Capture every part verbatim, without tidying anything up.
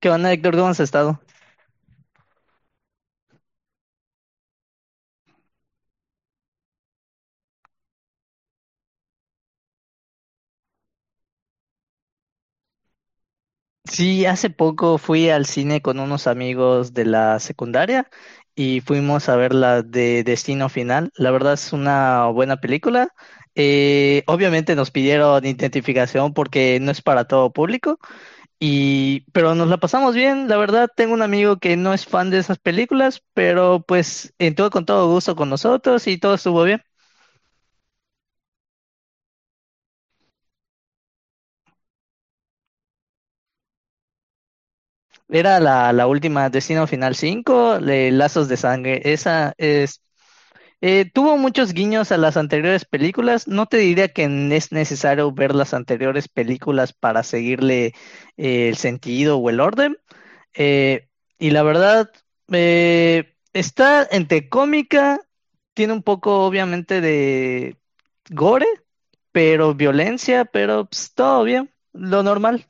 ¿Qué onda, Héctor? ¿Cómo has estado? Sí, hace poco fui al cine con unos amigos de la secundaria y fuimos a ver la de Destino Final. La verdad es una buena película. Eh, obviamente nos pidieron identificación porque no es para todo público, y, pero nos la pasamos bien. La verdad, tengo un amigo que no es fan de esas películas, pero pues entró con todo gusto con nosotros y todo estuvo bien. Era la, la última Destino Final cinco, le- Lazos de Sangre. Esa es Eh, Tuvo muchos guiños a las anteriores películas. No te diría que n- es necesario ver las anteriores películas para seguirle eh, el sentido o el orden. Eh, y la verdad, eh, está entre cómica, tiene un poco obviamente de gore, pero violencia, pero pues, todo bien, lo normal.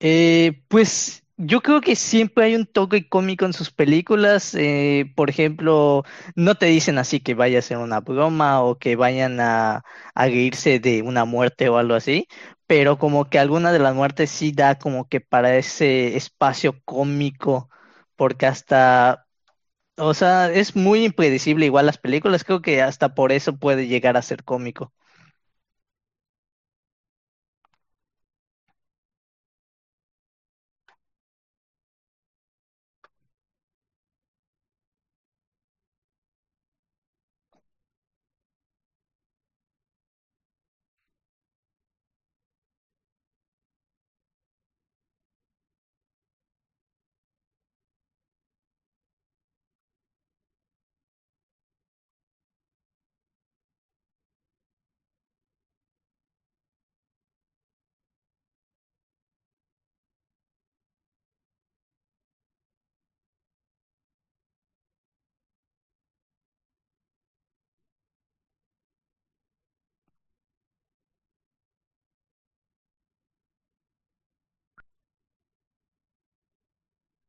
Eh, pues yo creo que siempre hay un toque cómico en sus películas. Eh, por ejemplo, no te dicen así que vaya a ser una broma o que vayan a, a reírse de una muerte o algo así, pero como que alguna de las muertes sí da como que para ese espacio cómico, porque hasta, o sea, es muy impredecible igual las películas, creo que hasta por eso puede llegar a ser cómico.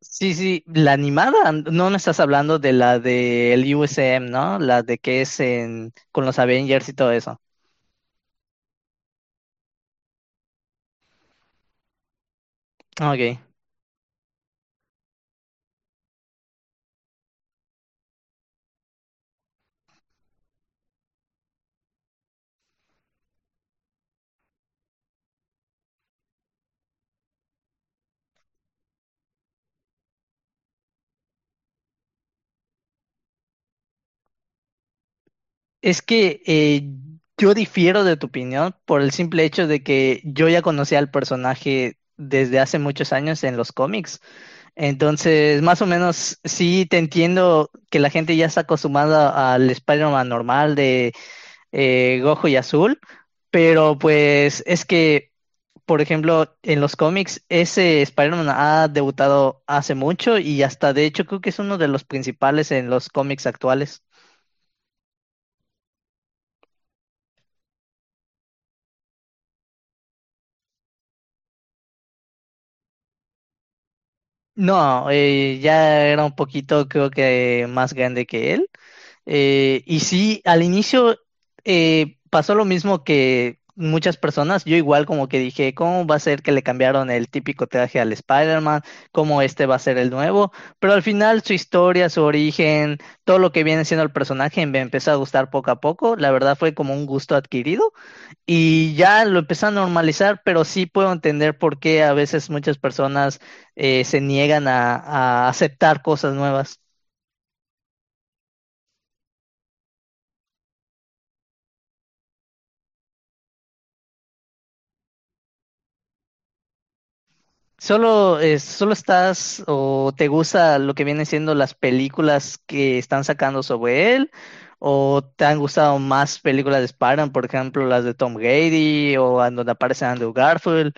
Sí, sí, la animada, no, no estás hablando de la del U S M, ¿no? La de que es en, con los Avengers y todo eso. Ah, ok. Es que eh, yo difiero de tu opinión por el simple hecho de que yo ya conocía al personaje desde hace muchos años en los cómics. Entonces, más o menos, sí te entiendo que la gente ya está acostumbrada al Spider-Man normal de eh, Gojo y Azul, pero pues es que, por ejemplo, en los cómics ese Spider-Man ha debutado hace mucho y hasta de hecho creo que es uno de los principales en los cómics actuales. No, eh, ya era un poquito creo que más grande que él. Eh, y sí, al inicio eh, pasó lo mismo que muchas personas. Yo igual como que dije, ¿cómo va a ser que le cambiaron el típico traje al Spider-Man? ¿Cómo este va a ser el nuevo? Pero al final su historia, su origen, todo lo que viene siendo el personaje me empezó a gustar poco a poco. La verdad fue como un gusto adquirido y ya lo empecé a normalizar, pero sí puedo entender por qué a veces muchas personas eh, se niegan a a aceptar cosas nuevas. Solo, eh, solo estás o te gusta lo que vienen siendo las películas que están sacando sobre él, o te han gustado más películas de Spider-Man, por ejemplo, las de Tom Grady o en donde aparece Andrew Garfield.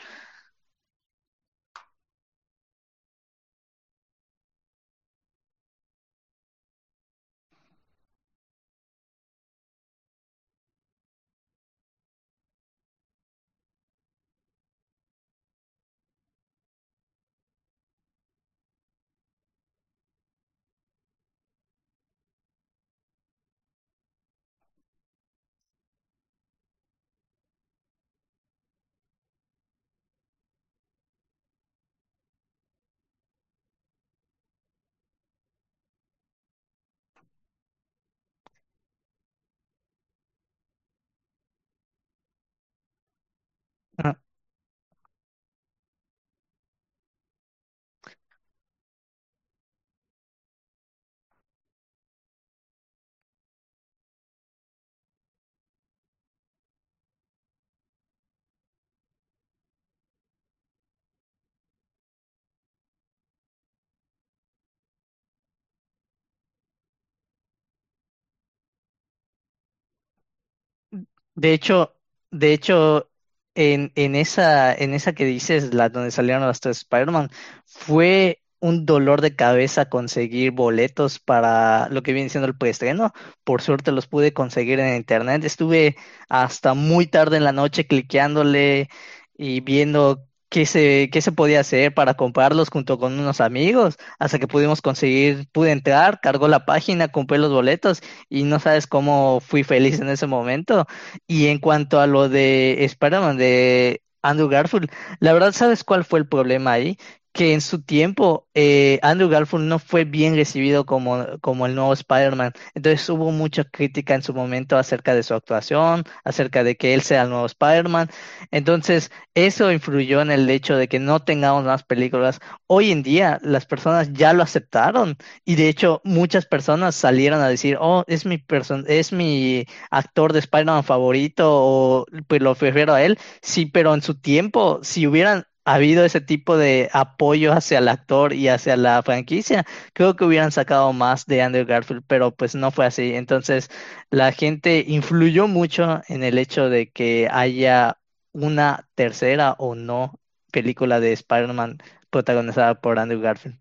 De hecho, de hecho, en, en esa, en esa que dices, la donde salieron los tres Spider-Man, fue un dolor de cabeza conseguir boletos para lo que viene siendo el preestreno. Por suerte los pude conseguir en internet. Estuve hasta muy tarde en la noche cliqueándole y viendo qué se, qué se podía hacer para comprarlos junto con unos amigos, hasta que pudimos conseguir, pude entrar, cargó la página, compré los boletos y no sabes cómo fui feliz en ese momento, y en cuanto a lo de Spider-Man de Andrew Garfield, la verdad, ¿sabes cuál fue el problema ahí? Que en su tiempo eh, Andrew Garfield no fue bien recibido como, como el nuevo Spider-Man. Entonces hubo mucha crítica en su momento acerca de su actuación, acerca de que él sea el nuevo Spider-Man. Entonces eso influyó en el hecho de que no tengamos más películas. Hoy en día las personas ya lo aceptaron, y de hecho muchas personas salieron a decir, oh, es mi, person es mi actor de Spider-Man favorito o pues lo prefiero a él. Sí, pero en su tiempo, si hubieran habido ese tipo de apoyo hacia el actor y hacia la franquicia, creo que hubieran sacado más de Andrew Garfield, pero pues no fue así. Entonces, la gente influyó mucho en el hecho de que haya una tercera o no película de Spider-Man protagonizada por Andrew Garfield.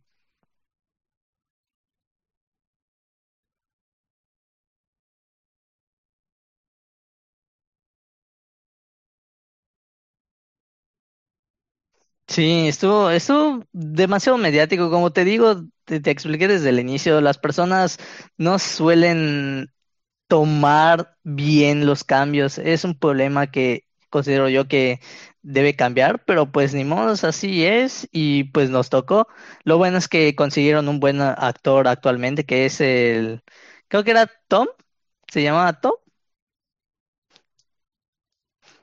Sí, estuvo, estuvo demasiado mediático. Como te digo, te, te expliqué desde el inicio, las personas no suelen tomar bien los cambios. Es un problema que considero yo que debe cambiar, pero pues ni modo, así es y pues nos tocó. Lo bueno es que consiguieron un buen actor actualmente, que es el, creo que era Tom, se llamaba Tom.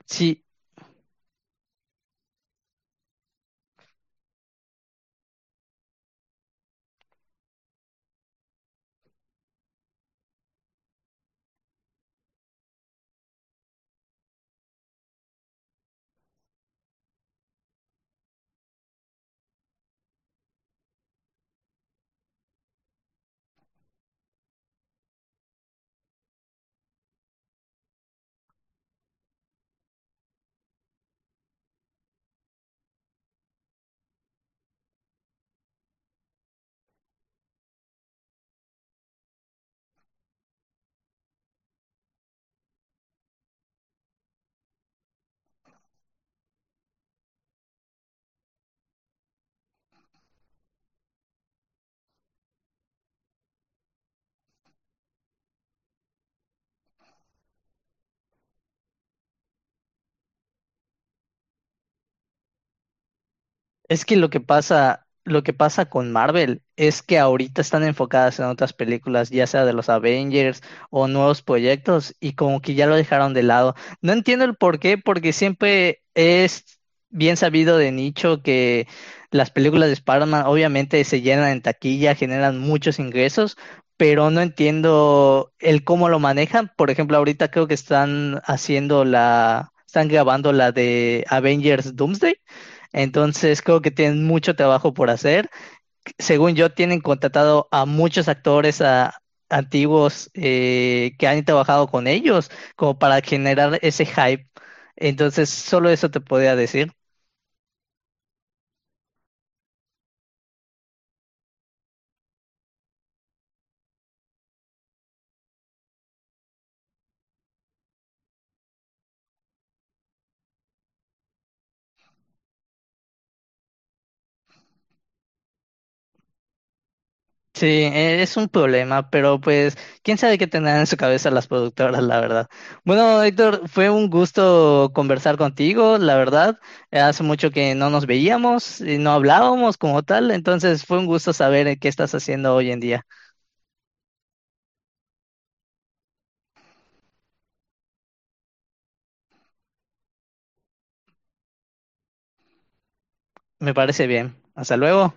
Sí, es que lo que pasa, lo que pasa con Marvel es que ahorita están enfocadas en otras películas, ya sea de los Avengers o nuevos proyectos, y como que ya lo dejaron de lado. No entiendo el por qué, porque siempre es bien sabido de nicho que las películas de Spider-Man obviamente se llenan en taquilla, generan muchos ingresos, pero no entiendo el cómo lo manejan. Por ejemplo, ahorita creo que están haciendo la, están grabando la de Avengers Doomsday. Entonces creo que tienen mucho trabajo por hacer. Según yo, tienen contratado a muchos actores a- antiguos eh, que han trabajado con ellos como para generar ese hype. Entonces, solo eso te podía decir. Sí, eh, es un problema, pero pues, quién sabe qué tendrán en su cabeza las productoras, la verdad. Bueno, Héctor, fue un gusto conversar contigo, la verdad. Eh, Hace mucho que no nos veíamos y no hablábamos como tal, entonces fue un gusto saber eh, qué estás haciendo hoy en día. Me parece bien. Hasta luego.